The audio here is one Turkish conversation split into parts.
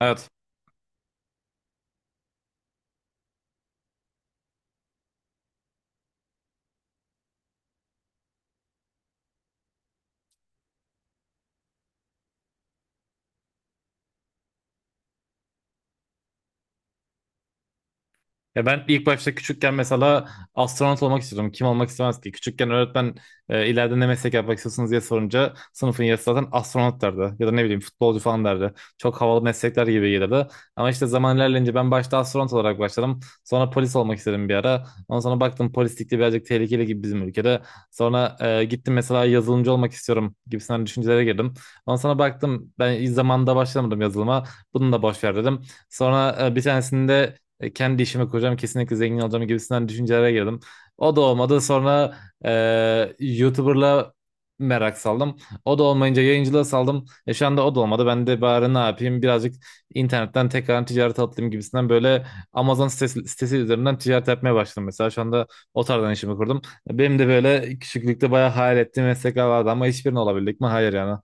Evet. Ya ben ilk başta küçükken mesela astronot olmak istiyordum. Kim olmak istemez ki? Küçükken öğretmen ileride ne meslek yapmak istiyorsunuz diye sorunca sınıfın yarısı zaten astronot derdi. Ya da ne bileyim futbolcu falan derdi. Çok havalı meslekler gibi gelirdi. Ama işte zaman ilerleyince ben başta astronot olarak başladım. Sonra polis olmak istedim bir ara. Ondan sonra baktım polislik de birazcık tehlikeli gibi bizim ülkede. Sonra gittim mesela yazılımcı olmak istiyorum gibisinden düşüncelere girdim. Ondan sonra baktım ben zamanında başlamadım yazılıma. Bunu da boş ver dedim. Sonra bir tanesinde kendi işime kuracağım kesinlikle zengin olacağım gibisinden düşüncelere girdim. O da olmadı sonra YouTuber'la merak saldım. O da olmayınca yayıncılığa saldım. Şu anda o da olmadı. Ben de bari ne yapayım birazcık internetten tekrar ticarete atlayayım gibisinden böyle Amazon sitesi üzerinden ticaret yapmaya başladım mesela. Şu anda o tarzdan işimi kurdum. Benim de böyle küçüklükte bayağı hayal ettiğim meslekler vardı ama hiçbirini olabildik mi? Hayır yani.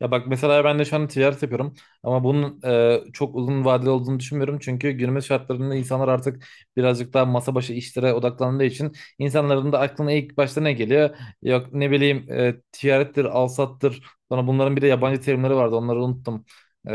Ya bak mesela ben de şu an ticaret yapıyorum ama bunun çok uzun vadeli olduğunu düşünmüyorum. Çünkü günümüz şartlarında insanlar artık birazcık daha masa başı işlere odaklandığı için insanların da aklına ilk başta ne geliyor? Yok ne bileyim ticarettir, alsattır. Sonra bunların bir de yabancı terimleri vardı onları unuttum. E,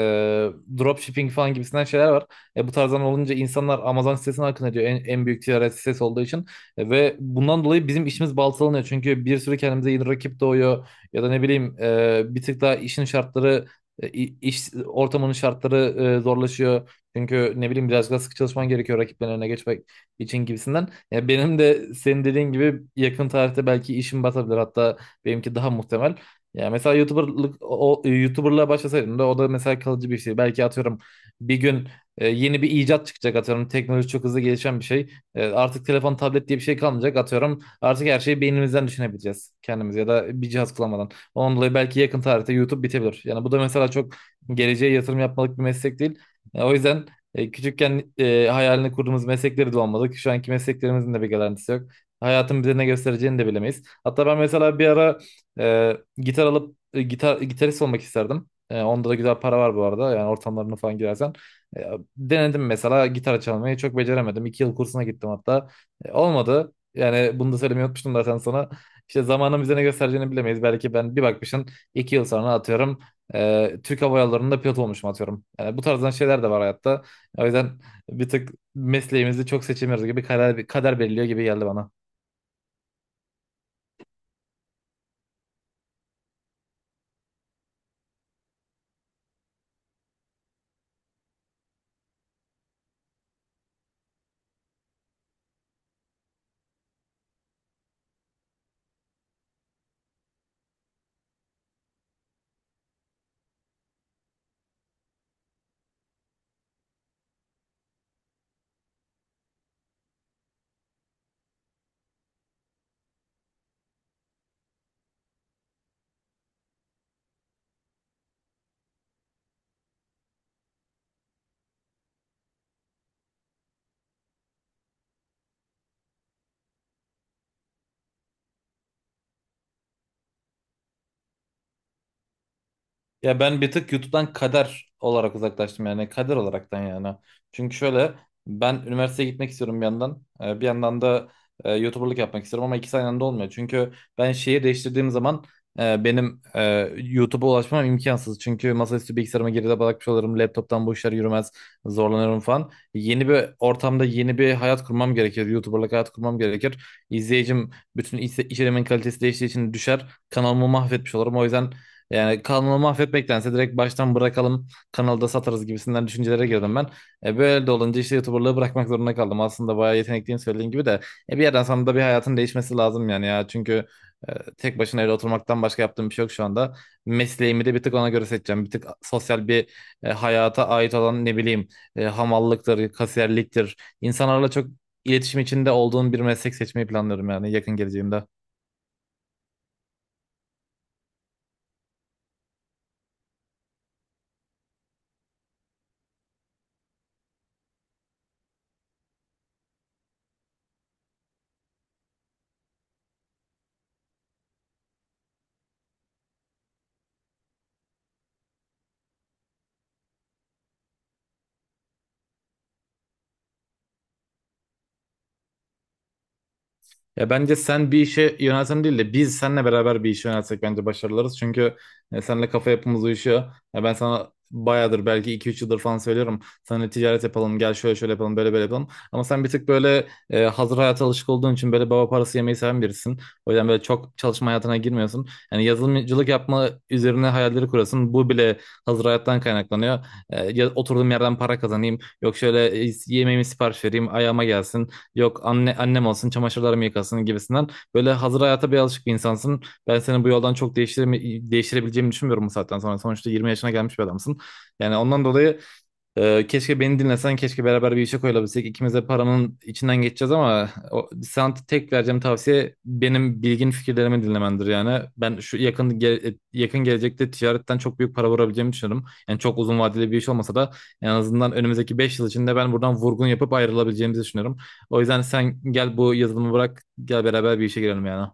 dropshipping falan gibisinden şeyler var. Bu tarzdan olunca insanlar Amazon sitesine akın ediyor en büyük ticaret sitesi olduğu için. Ve bundan dolayı bizim işimiz baltalanıyor. Çünkü bir sürü kendimize yeni rakip doğuyor. Ya da ne bileyim bir tık daha işin şartları iş ortamının şartları zorlaşıyor. Çünkü ne bileyim biraz daha sıkı çalışman gerekiyor rakiplerin önüne geçmek için gibisinden. Ya benim de senin dediğin gibi yakın tarihte belki işim batabilir. Hatta benimki daha muhtemel. Ya mesela YouTuber'lık YouTuber'lığa başlasaydım da o da mesela kalıcı bir şey. Belki atıyorum bir gün yeni bir icat çıkacak atıyorum. Teknoloji çok hızlı gelişen bir şey. Artık telefon, tablet diye bir şey kalmayacak atıyorum. Artık her şeyi beynimizden düşünebileceğiz kendimiz ya da bir cihaz kullanmadan. Ondan dolayı belki yakın tarihte YouTube bitebilir. Yani bu da mesela çok geleceğe yatırım yapmalık bir meslek değil. O yüzden küçükken hayalini kurduğumuz meslekleri de olmadık. Şu anki mesleklerimizin de bir garantisi yok. Hayatın bize ne göstereceğini de bilemeyiz. Hatta ben mesela bir ara gitar alıp gitar gitarist olmak isterdim. Onda da güzel para var bu arada. Yani ortamlarına falan girersen. E, denedim mesela gitar çalmayı çok beceremedim. 2 yıl kursuna gittim hatta. Olmadı. Yani bunu da söylemeyi unutmuştum zaten sana. İşte zamanın bize ne göstereceğini bilemeyiz. Belki ben bir bakmışım 2 yıl sonra atıyorum Türk Hava Yolları'nda pilot olmuşum atıyorum. Yani bu tarzdan şeyler de var hayatta. O yüzden bir tık mesleğimizi çok seçemiyoruz gibi kader, kader belirliyor gibi geldi bana. Ya ben bir tık YouTube'dan kader olarak uzaklaştım yani kader olaraktan yani. Çünkü şöyle ben üniversiteye gitmek istiyorum bir yandan. Bir yandan da YouTuber'lık yapmak istiyorum ama ikisi aynı anda olmuyor. Çünkü ben şehir değiştirdiğim zaman benim YouTube'a ulaşmam imkansız. Çünkü masaüstü bilgisayarıma geride bırakmış olurum. Laptop'tan bu işler yürümez. Zorlanırım falan. Yeni bir ortamda yeni bir hayat kurmam gerekir. YouTuber'lık hayat kurmam gerekir. İzleyicim bütün iş, içeriğimin kalitesi değiştiği için düşer. Kanalımı mahvetmiş olurum. O yüzden yani kanalı mahvetmektense direkt baştan bırakalım kanalda satarız gibisinden düşüncelere girdim ben. Böyle de olunca işte YouTuber'lığı bırakmak zorunda kaldım. Aslında bayağı yetenekliyim söylediğin gibi de bir yerden sonra da bir hayatın değişmesi lazım yani ya. Çünkü e, tek başına evde oturmaktan başka yaptığım bir şey yok şu anda. Mesleğimi de bir tık ona göre seçeceğim. Bir tık sosyal bir hayata ait olan ne bileyim hamallıktır, kasiyerliktir. İnsanlarla çok iletişim içinde olduğun bir meslek seçmeyi planlıyorum yani yakın geleceğimde. Ya bence sen bir işe yönelsen değil de biz seninle beraber bir işe yönelsek bence başarılarız. Çünkü seninle kafa yapımız uyuşuyor. Ya ben sana bayağıdır belki iki üç yıldır falan söylüyorum. Seninle ticaret yapalım, gel şöyle şöyle yapalım, böyle böyle yapalım. Ama sen bir tık böyle hazır hayata alışık olduğun için böyle baba parası yemeyi seven birisin. O yüzden böyle çok çalışma hayatına girmiyorsun. Yani yazılımcılık yapma üzerine hayalleri kurasın. Bu bile hazır hayattan kaynaklanıyor. Oturduğum yerden para kazanayım. Yok şöyle yemeğimi sipariş vereyim, ayağıma gelsin yok annem olsun çamaşırlarımı yıkasın gibisinden böyle hazır hayata bir alışık bir insansın. Ben seni bu yoldan çok değiştirebileceğimi düşünmüyorum bu saatten sonra. Sonuçta 20 yaşına gelmiş bir adamsın. Yani ondan dolayı keşke beni dinlesen, keşke beraber bir işe koyulabilsek. İkimiz de paranın içinden geçeceğiz ama o, sana tek vereceğim tavsiye benim bilgin fikirlerimi dinlemendir yani. Ben şu yakın gelecekte ticaretten çok büyük para vurabileceğimi düşünüyorum. Yani çok uzun vadeli bir iş olmasa da en azından önümüzdeki 5 yıl içinde ben buradan vurgun yapıp ayrılabileceğimizi düşünüyorum. O yüzden sen gel bu yazılımı bırak, gel beraber bir işe girelim yani.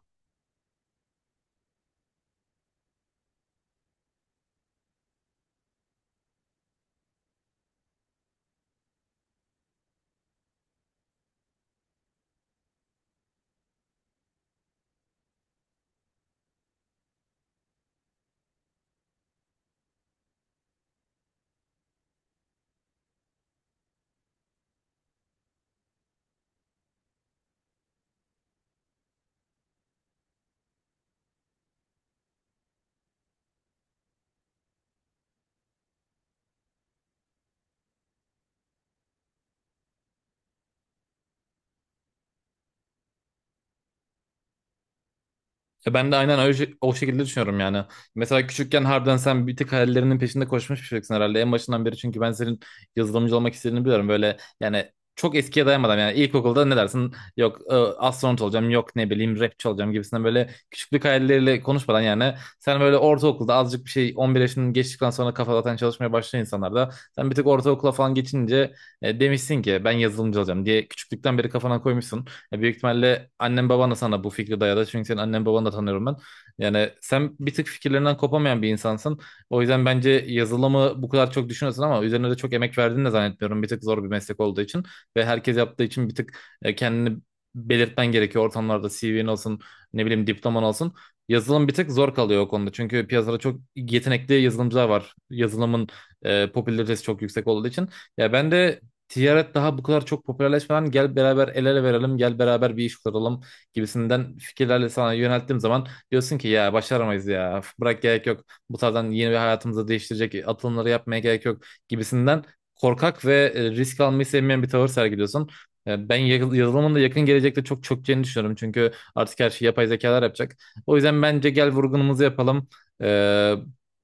Ben de aynen öyle, o şekilde düşünüyorum yani. Mesela küçükken harbiden sen bir tık hayallerinin peşinde koşmuş bir çocuksun herhalde en başından beri. Çünkü ben senin yazılımcı olmak istediğini biliyorum. Böyle yani çok eskiye dayanmadan yani ilkokulda ne dersin? Yok astronot olacağım, yok ne bileyim rapçi olacağım gibisinden böyle küçüklük hayalleriyle konuşmadan yani sen böyle ortaokulda azıcık bir şey 11 yaşını geçtikten sonra kafa zaten çalışmaya başlayan insanlarda sen bir tık ortaokula falan geçince demişsin ki ben yazılımcı olacağım diye küçüklükten beri kafana koymuşsun. Ya büyük ihtimalle annen baban da sana bu fikri dayadı. Çünkü senin annen babanı da tanıyorum ben. Yani sen bir tık fikirlerinden kopamayan bir insansın. O yüzden bence yazılımı bu kadar çok düşünüyorsun ama üzerine de çok emek verdiğini de zannetmiyorum. Bir tık zor bir meslek olduğu için ve herkes yaptığı için bir tık kendini belirtmen gerekiyor. Ortamlarda CV'nin olsun, ne bileyim diploman olsun. Yazılım bir tık zor kalıyor o konuda. Çünkü piyasada çok yetenekli yazılımcılar var. Yazılımın popülaritesi çok yüksek olduğu için. Ya ben de ticaret daha bu kadar çok popülerleşmeden gel beraber el ele verelim, gel beraber bir iş kuralım gibisinden fikirlerle sana yönelttiğim zaman diyorsun ki ya başaramayız ya bırak gerek yok bu tarzdan yeni bir hayatımızı değiştirecek atılımları yapmaya gerek yok gibisinden korkak ve risk almayı sevmeyen bir tavır sergiliyorsun. Ben yazılımın da yakın gelecekte çok çökeceğini düşünüyorum. Çünkü artık her şeyi yapay zekalar yapacak. O yüzden bence gel vurgunumuzu yapalım. E,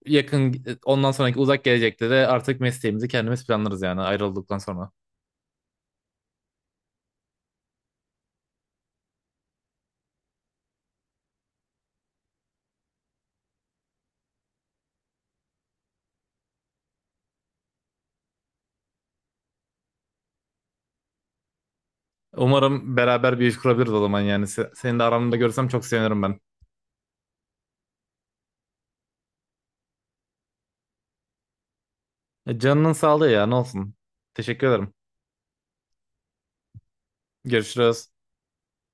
yakın e, ondan sonraki uzak gelecekte de artık mesleğimizi kendimiz planlarız yani ayrıldıktan sonra. Umarım beraber bir iş kurabiliriz o zaman yani. Seni de aramda görsem çok sevinirim ben. Canının sağlığı ya ne olsun. Teşekkür ederim. Görüşürüz.